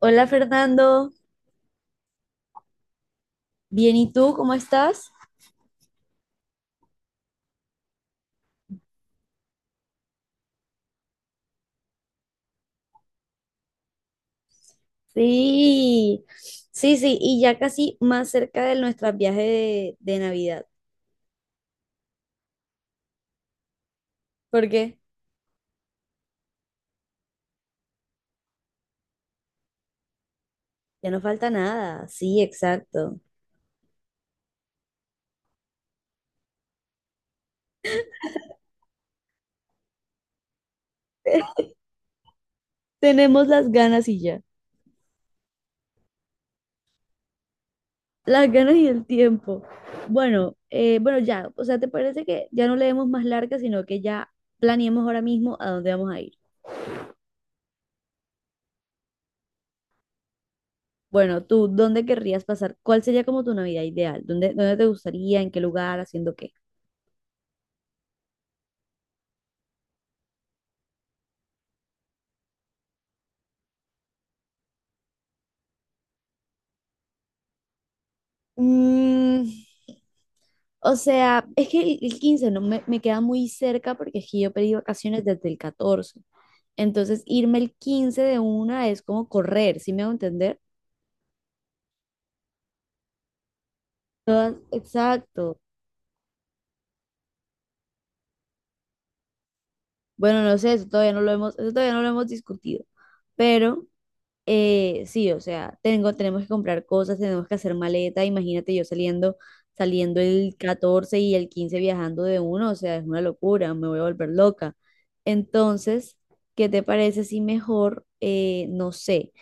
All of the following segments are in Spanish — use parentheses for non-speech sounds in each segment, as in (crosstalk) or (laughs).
Hola Fernando. Bien, ¿y tú cómo estás? Sí, sí, sí, y ya casi más cerca de nuestro viaje de Navidad. ¿Por qué? Ya no falta nada, sí, exacto. Tenemos las ganas y ya. Las ganas y el tiempo. Bueno, bueno, ya, o sea, ¿te parece que ya no le demos más larga, sino que ya planeemos ahora mismo a dónde vamos a ir? Bueno, tú, ¿dónde querrías pasar? ¿Cuál sería como tu Navidad ideal? ¿Dónde, dónde te gustaría? ¿En qué lugar? ¿Haciendo qué? Mm. O sea, es que el 15 no me queda muy cerca, porque es que yo pedí vacaciones desde el 14. Entonces, irme el 15 de una es como correr, ¿sí me hago entender? Todas, exacto. Bueno, no sé, eso todavía no lo hemos discutido. Pero sí, o sea, tenemos que comprar cosas, tenemos que hacer maleta. Imagínate yo saliendo el 14 y el 15 viajando de uno, o sea, es una locura, me voy a volver loca. Entonces, ¿qué te parece si mejor, no sé,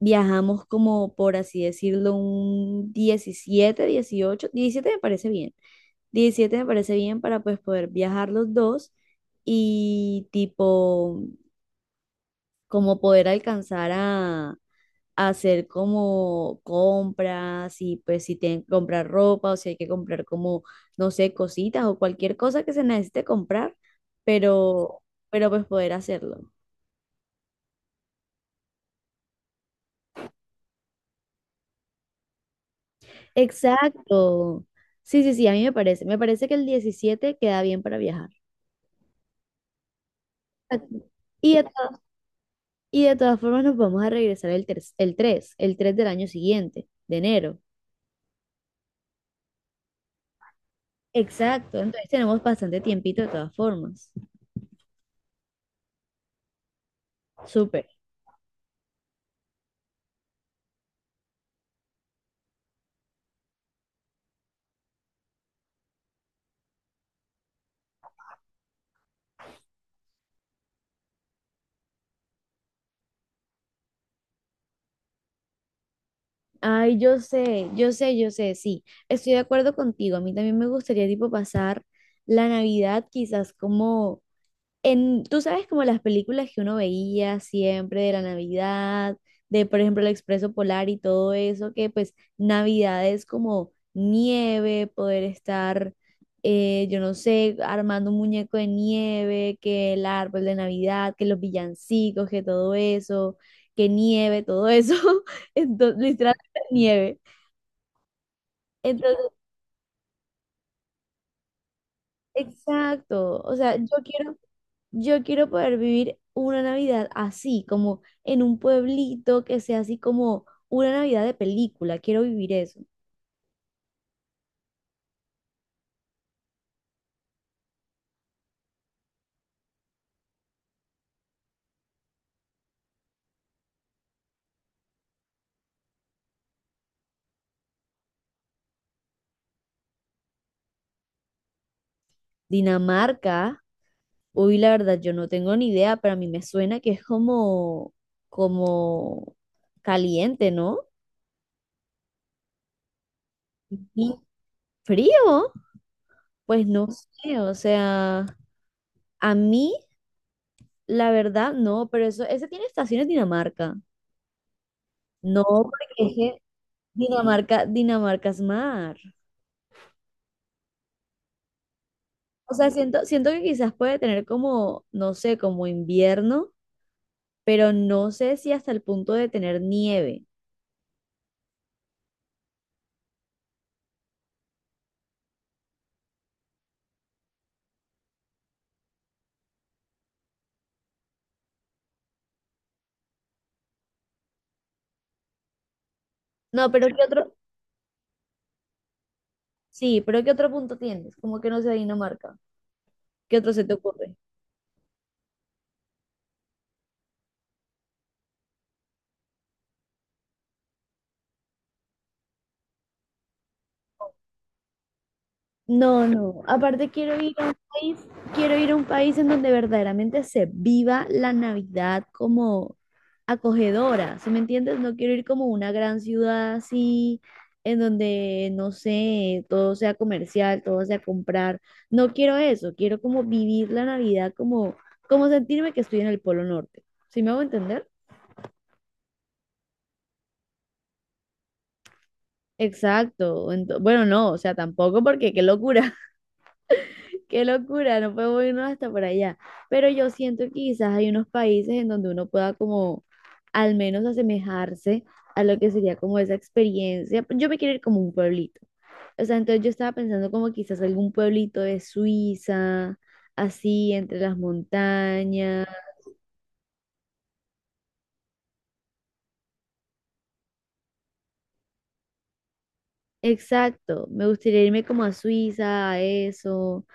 viajamos como por así decirlo, un 17 me parece bien. Diecisiete me parece bien para pues poder viajar los dos y tipo, como poder alcanzar a hacer como compras, y pues si tienen que comprar ropa o si hay que comprar como, no sé, cositas o cualquier cosa que se necesite comprar, pero, pero pues poder hacerlo. Exacto. Sí, sí, sí, a mí me parece. Me parece que el 17 queda bien para viajar. Exacto. Y de, to- y de todas formas nos vamos a regresar el 3 del año siguiente, de enero. Exacto, entonces tenemos bastante tiempito de todas formas. Súper. Ay, yo sé, yo sé, yo sé, sí, estoy de acuerdo contigo. A mí también me gustaría, tipo, pasar la Navidad quizás como en, tú sabes, como las películas que uno veía siempre de la Navidad, de por ejemplo el Expreso Polar y todo eso, que pues Navidad es como nieve, poder estar, yo no sé, armando un muñeco de nieve, que el árbol de Navidad, que los villancicos, que todo eso, que nieve, todo eso, (laughs) entonces, literalmente nieve. Entonces, exacto, o sea, yo quiero... Yo quiero poder vivir una Navidad así, como en un pueblito que sea así como una Navidad de película. Quiero vivir eso. Dinamarca, uy, la verdad, yo no tengo ni idea, pero a mí me suena que es como, como caliente, ¿no? Y frío, pues no sé, o sea, a mí, la verdad, no, pero eso, ese tiene estaciones Dinamarca. No, porque es que Dinamarca, Dinamarca es mar. O sea, siento que quizás puede tener como, no sé, como invierno, pero no sé si hasta el punto de tener nieve. No, pero ¿qué otro? Sí, pero ¿qué otro punto tienes? Como que no sea Dinamarca. ¿Qué otro se te ocurre? No, no. Aparte quiero ir a un país en donde verdaderamente se viva la Navidad como acogedora, ¿sí me entiendes? No quiero ir como a una gran ciudad así, en donde, no sé, todo sea comercial, todo sea comprar. No quiero eso, quiero como vivir la Navidad como, como sentirme que estoy en el Polo Norte. ¿Sí me hago entender? Exacto. Bueno, no, o sea, tampoco, porque qué locura. Qué locura, no podemos irnos hasta por allá. Pero yo siento que quizás hay unos países en donde uno pueda como al menos asemejarse a lo que sería como esa experiencia. Yo me quiero ir como un pueblito. O sea, entonces yo estaba pensando como quizás algún pueblito de Suiza, así entre las montañas. Exacto, me gustaría irme como a Suiza, a eso,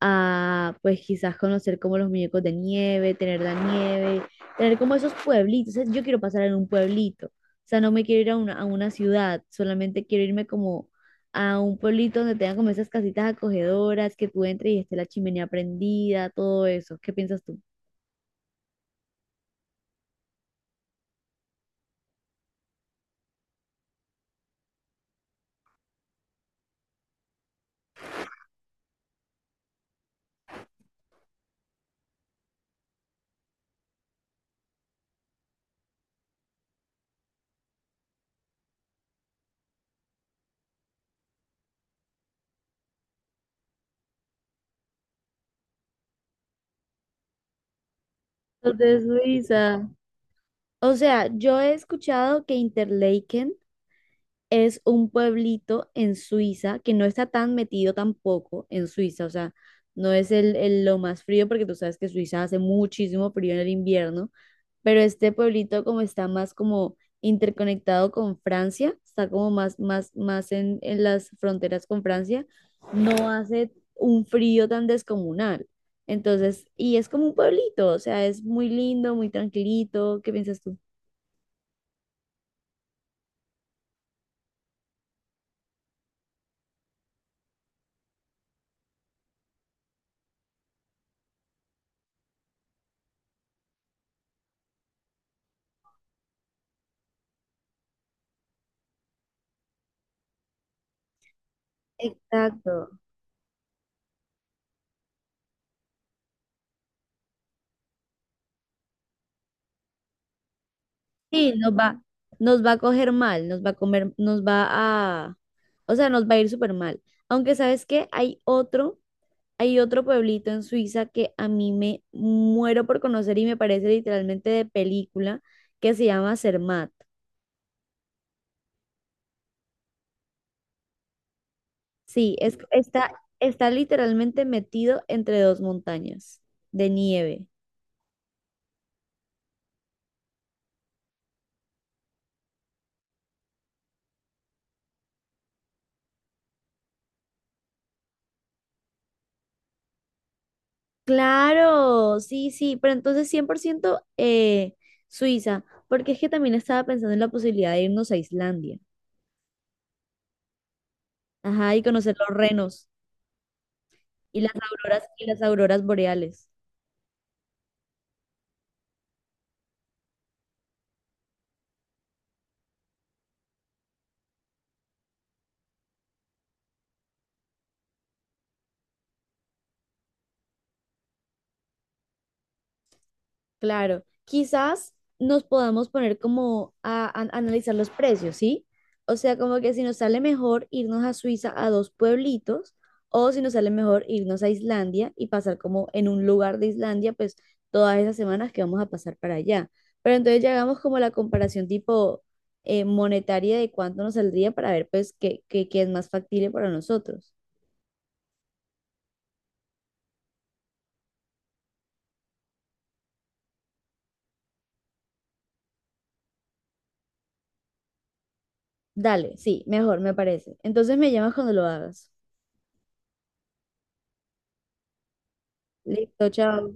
a pues quizás conocer como los muñecos de nieve, tener la nieve, tener como esos pueblitos. O sea, yo quiero pasar en un pueblito, o sea, no me quiero ir a a una ciudad, solamente quiero irme como a un pueblito donde tengan como esas casitas acogedoras, que tú entres y esté la chimenea prendida, todo eso. ¿Qué piensas tú? Los de Suiza. O sea, yo he escuchado que Interlaken es un pueblito en Suiza que no está tan metido tampoco en Suiza, o sea, no es el lo más frío, porque tú sabes que Suiza hace muchísimo frío en el invierno, pero este pueblito como está más como interconectado con Francia, está como más en las fronteras con Francia, no hace un frío tan descomunal. Entonces, y es como un pueblito, o sea, es muy lindo, muy tranquilito. ¿Qué piensas tú? Exacto. Sí, nos va a coger mal, nos va a comer, o sea, nos va a ir súper mal. Aunque sabes que hay otro pueblito en Suiza que a mí me muero por conocer y me parece literalmente de película, que se llama Zermatt. Sí, está, está literalmente metido entre dos montañas de nieve. Claro, sí, sí, pero entonces 100%, Suiza, porque es que también estaba pensando en la posibilidad de irnos a Islandia. Ajá, y conocer los renos y las auroras boreales. Claro, quizás nos podamos poner como a analizar los precios, ¿sí? O sea, como que si nos sale mejor irnos a Suiza a dos pueblitos, o si nos sale mejor irnos a Islandia y pasar como en un lugar de Islandia, pues todas esas semanas que vamos a pasar para allá. Pero entonces ya hagamos como la comparación, tipo, monetaria, de cuánto nos saldría para ver pues qué es más factible para nosotros. Dale, sí, mejor, me parece. Entonces me llamas cuando lo hagas. Listo, chao.